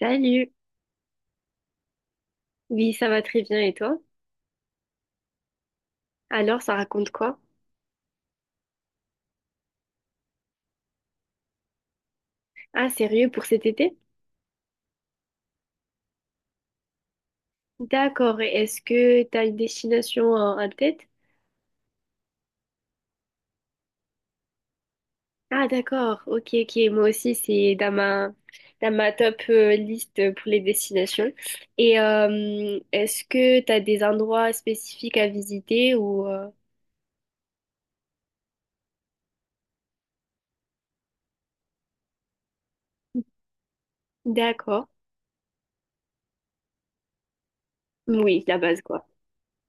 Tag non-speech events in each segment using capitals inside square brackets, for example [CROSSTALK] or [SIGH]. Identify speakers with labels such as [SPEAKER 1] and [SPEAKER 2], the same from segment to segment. [SPEAKER 1] Salut! Oui, ça va très bien et toi? Alors, ça raconte quoi? Ah, sérieux pour cet été? D'accord, et est-ce que t'as une destination en tête? Ah, d'accord, ok, ok, moi aussi c'est dans dans ma top liste pour les destinations. Et est-ce que t'as des endroits spécifiques à visiter ou... D'accord, oui, la base quoi.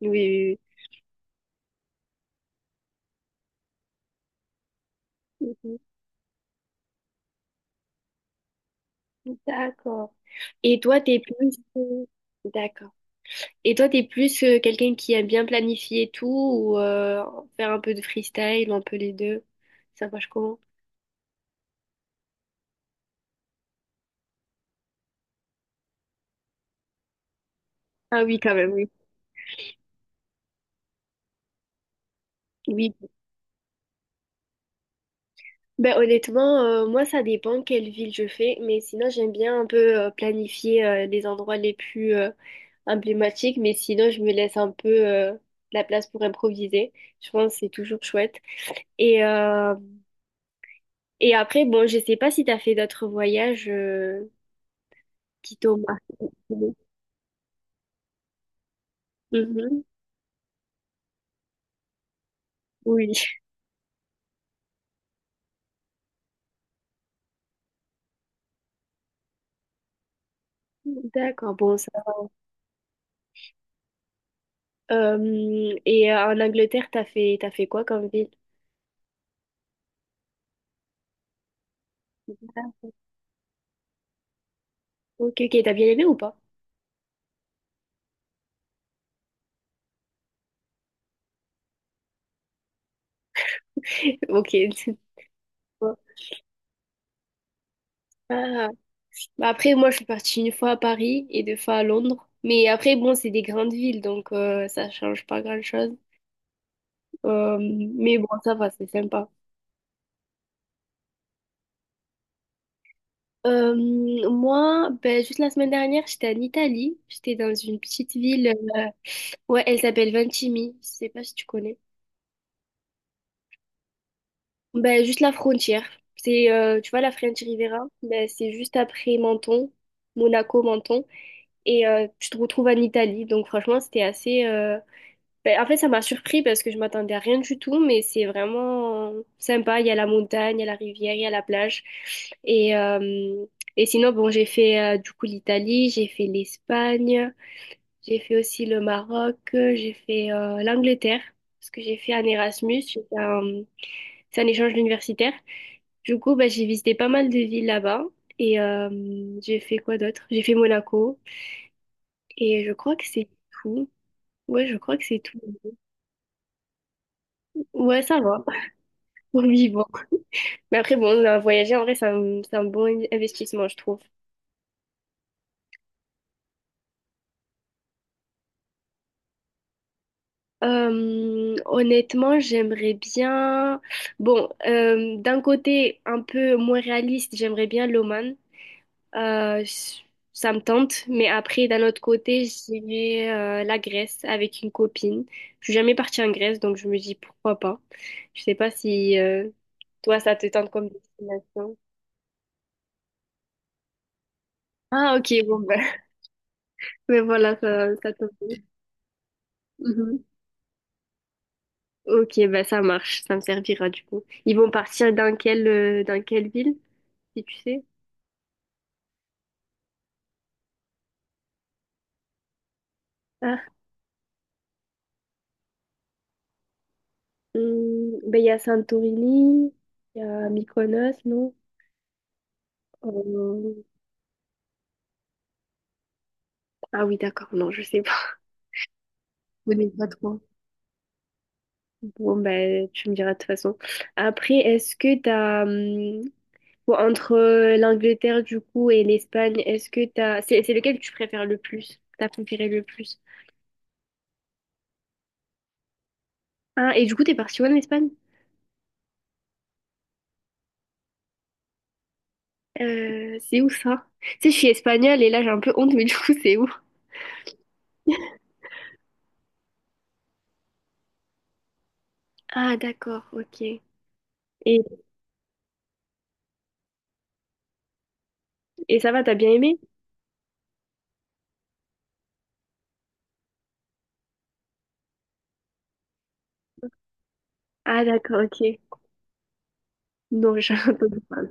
[SPEAKER 1] Oui, oui, oui. Mhm. D'accord. Et toi, t'es plus... D'accord. Et toi, t'es plus quelqu'un qui aime bien planifier tout ou faire un peu de freestyle ou un peu les deux? Ça marche comment? Ah oui, quand même, oui. Oui. Ben honnêtement, moi, ça dépend quelle ville je fais, mais sinon, j'aime bien un peu planifier les endroits les plus emblématiques, mais sinon, je me laisse un peu de la place pour improviser. Je pense que c'est toujours chouette. Et, euh, et après, bon, je sais pas si t'as fait d'autres voyages qui t'ont marqué. Mhm. Oui. [LAUGHS] D'accord, bon, ça. Et en Angleterre, t'as fait quoi comme ville? Ah, Ok, ok, t'as bien aimé ou pas? [LAUGHS] Ok. c'est- Ah. Bah après, moi, je suis partie une fois à Paris et deux fois à Londres. Mais après, bon, c'est des grandes villes, donc ça change pas grand-chose. Mais bon, ça va, c'est sympa. Euh, moi, ben, juste la semaine dernière, j'étais en Italie. J'étais dans une petite ville. euh, ouais, elle s'appelle Ventimille. Je sais pas si tu connais. Ben, juste la frontière. C'est, tu vois, la French Riviera, ben, c'est juste après Menton, Monaco, Menton, et tu te retrouves en Italie. Donc franchement, c'était assez... ben, en fait, ça m'a surpris parce que je m'attendais à rien du tout, mais c'est vraiment sympa. Il y a la montagne, il y a la rivière, il y a la plage. Et, euh, et sinon, bon, j'ai fait du coup l'Italie, j'ai fait l'Espagne, j'ai fait aussi le Maroc, j'ai fait l'Angleterre, parce que j'ai fait un Erasmus, j'ai fait un- c'est un échange universitaire. Du coup, bah, j'ai visité pas mal de villes là-bas. Et j'ai fait quoi d'autre? J'ai fait Monaco. Et je crois que c'est tout. Ouais, je crois que c'est tout. Ouais, ça va. [LAUGHS] Oui, bon. Mais après, bon, voyager, en vrai, c'est un bon investissement, je trouve. Honnêtement, j'aimerais bien... Bon, d'un côté un peu moins réaliste, j'aimerais bien l'Oman. Euh, ça me tente, mais après, d'un autre côté, j'irai la Grèce avec une copine. Je suis jamais partie en Grèce, donc je me dis pourquoi pas. Je sais pas si toi, ça te tente comme destination. Ah, ok, bon, ben, [LAUGHS] mais voilà, ça tombe. Mhm. Ok, ben ça marche, ça me servira du coup. Ils vont partir dans dans quelle ville, si tu sais? Ah, ben il y a Santorini, il y a Mykonos, non? Euh, Ah oui, d'accord, non, je sais pas. [LAUGHS] Je connais pas trop. Bon, ben, tu me diras de toute façon. Après, est-ce que t'as... bon, entre l'Angleterre, du coup, et l'Espagne, est-ce que t'as... c'est lequel tu préfères le plus? T'as préféré le plus? Ah, et du coup, t'es parti où en Espagne? C'est où ça? Tu sais, je suis espagnole et là, j'ai un peu honte, mais du coup, c'est où? Ah, d'accord, ok. Et, et ça va, t'as bien aimé? Ah, d'accord, ok. Non, j'ai [LAUGHS] un peu de parler.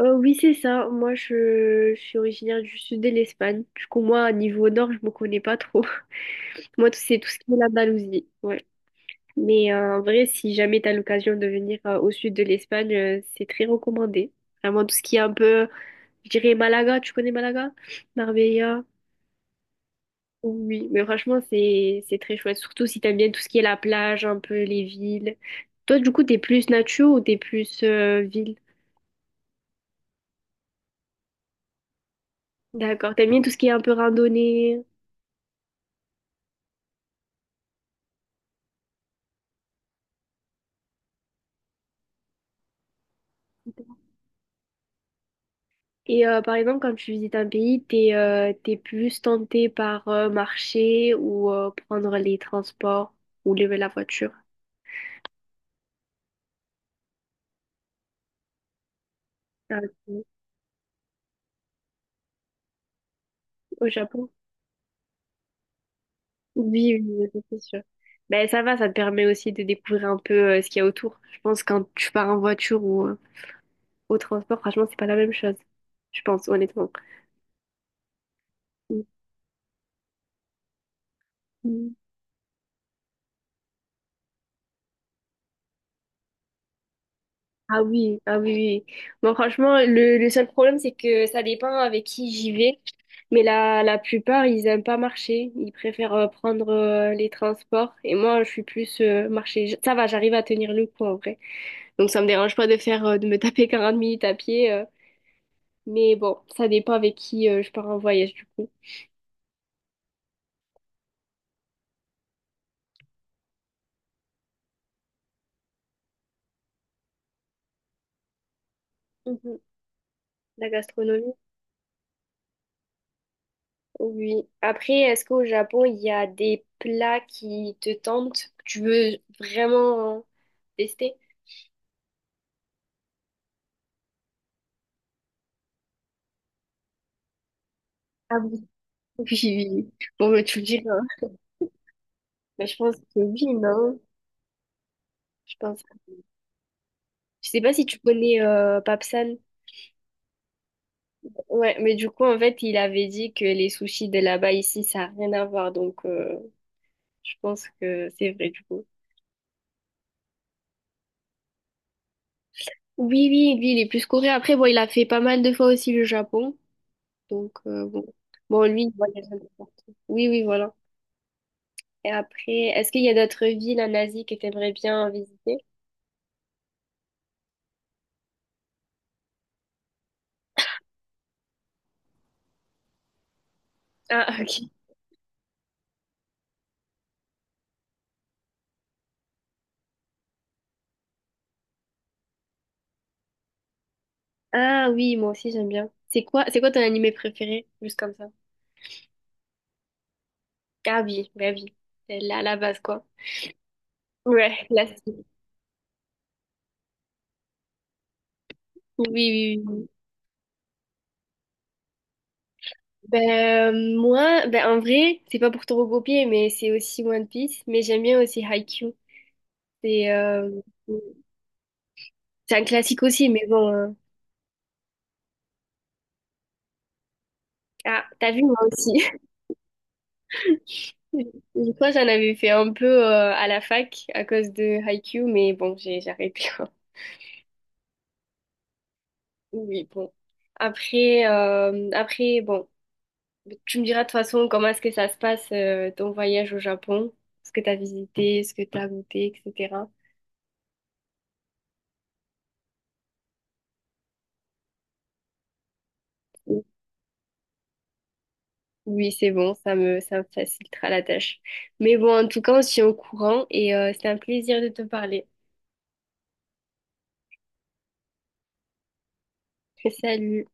[SPEAKER 1] Oui, c'est ça. Moi, je suis originaire du sud de l'Espagne. Du coup, moi, niveau nord, je me connais pas trop. Moi, tout- c'est tout ce qui est l'Andalousie. Ouais. Mais en vrai, si jamais tu as l'occasion de venir au sud de l'Espagne, c'est très recommandé. Vraiment, tout ce qui est un peu, je dirais Malaga, tu connais Malaga? Marbella? Oui, mais franchement, c'est très chouette. Surtout si t'aimes bien tout ce qui est la plage, un peu les villes. Toi, du coup, t'es plus nature ou t'es plus ville? D'accord. T'aimes bien tout ce qui est un peu randonnée? Et par exemple, quand tu visites un pays, t'es plus tenté par marcher ou prendre les transports ou lever la voiture. Ah, ok. Au Japon? Oui, oui, oui, c'est sûr. Ben ça va, ça te permet aussi de découvrir un peu ce qu'il y a autour. Je pense quand tu pars en voiture ou au transport, franchement, c'est pas la même chose. Je pense, honnêtement. Mhm. Ah oui, ah oui, oui. Bon, franchement, le seul problème, c'est que ça dépend avec qui j'y vais. Mais la plupart, ils aiment pas marcher. Ils préfèrent prendre les transports. Et moi, je suis plus marcher. J- Ça va, j'arrive à tenir le coup en vrai. Donc, ça me dérange pas de faire, de me taper 40 minutes à pied. Mais bon, ça dépend avec qui je pars en voyage du coup. Mhm. La gastronomie. Oui. Après, est-ce qu'au Japon, il y a des plats qui te tentent, que tu veux vraiment tester? Ah oui. [LAUGHS] Oui, oui. oui. Bon, bah, tu le diras. Bah, je pense que oui, non? Je pense. Je sais pas si tu connais Papsan. Ouais, mais du coup, en fait, il avait dit que les sushis de là-bas, ici, ça n'a rien à voir. Donc, je pense que c'est vrai, du coup. Oui, oui, lui, il est plus coréen. Après, bon, il a fait pas mal de fois aussi le Japon. Donc, bon. Bon, lui, il voyage un peu partout. Oui, oui, voilà. Et après, est-ce qu'il y a d'autres villes en Asie que t'aimerais bien visiter? Ah, [LAUGHS] ok. Ah oui, moi aussi j'aime bien. C'est quoi ton animé préféré? Juste comme ça. Ah oui, bah oui. C'est là, la base, quoi. Ouais, classique. Oui, oui, oui. oui. Ben, moi, ben, en vrai, c'est pas pour te recopier, mais c'est aussi One Piece. Mais j'aime bien aussi Haikyuu. C'est euh, c'est un classique aussi, mais bon. Ah, t'as vu, moi aussi. [LAUGHS] Je crois que j'en avais fait un peu à la fac à cause de Haikyuu, mais bon, j'ai arrêté. [LAUGHS] Oui, bon. Après, bon, tu me diras de toute façon comment est-ce que ça se passe ton voyage au Japon, ce que tu as visité, ce que tu as goûté, etc. Oui, c'est bon, ça me facilitera la tâche. Mais bon, en tout cas, on se tient au courant et c'était un plaisir de te parler. [LAUGHS] Salut.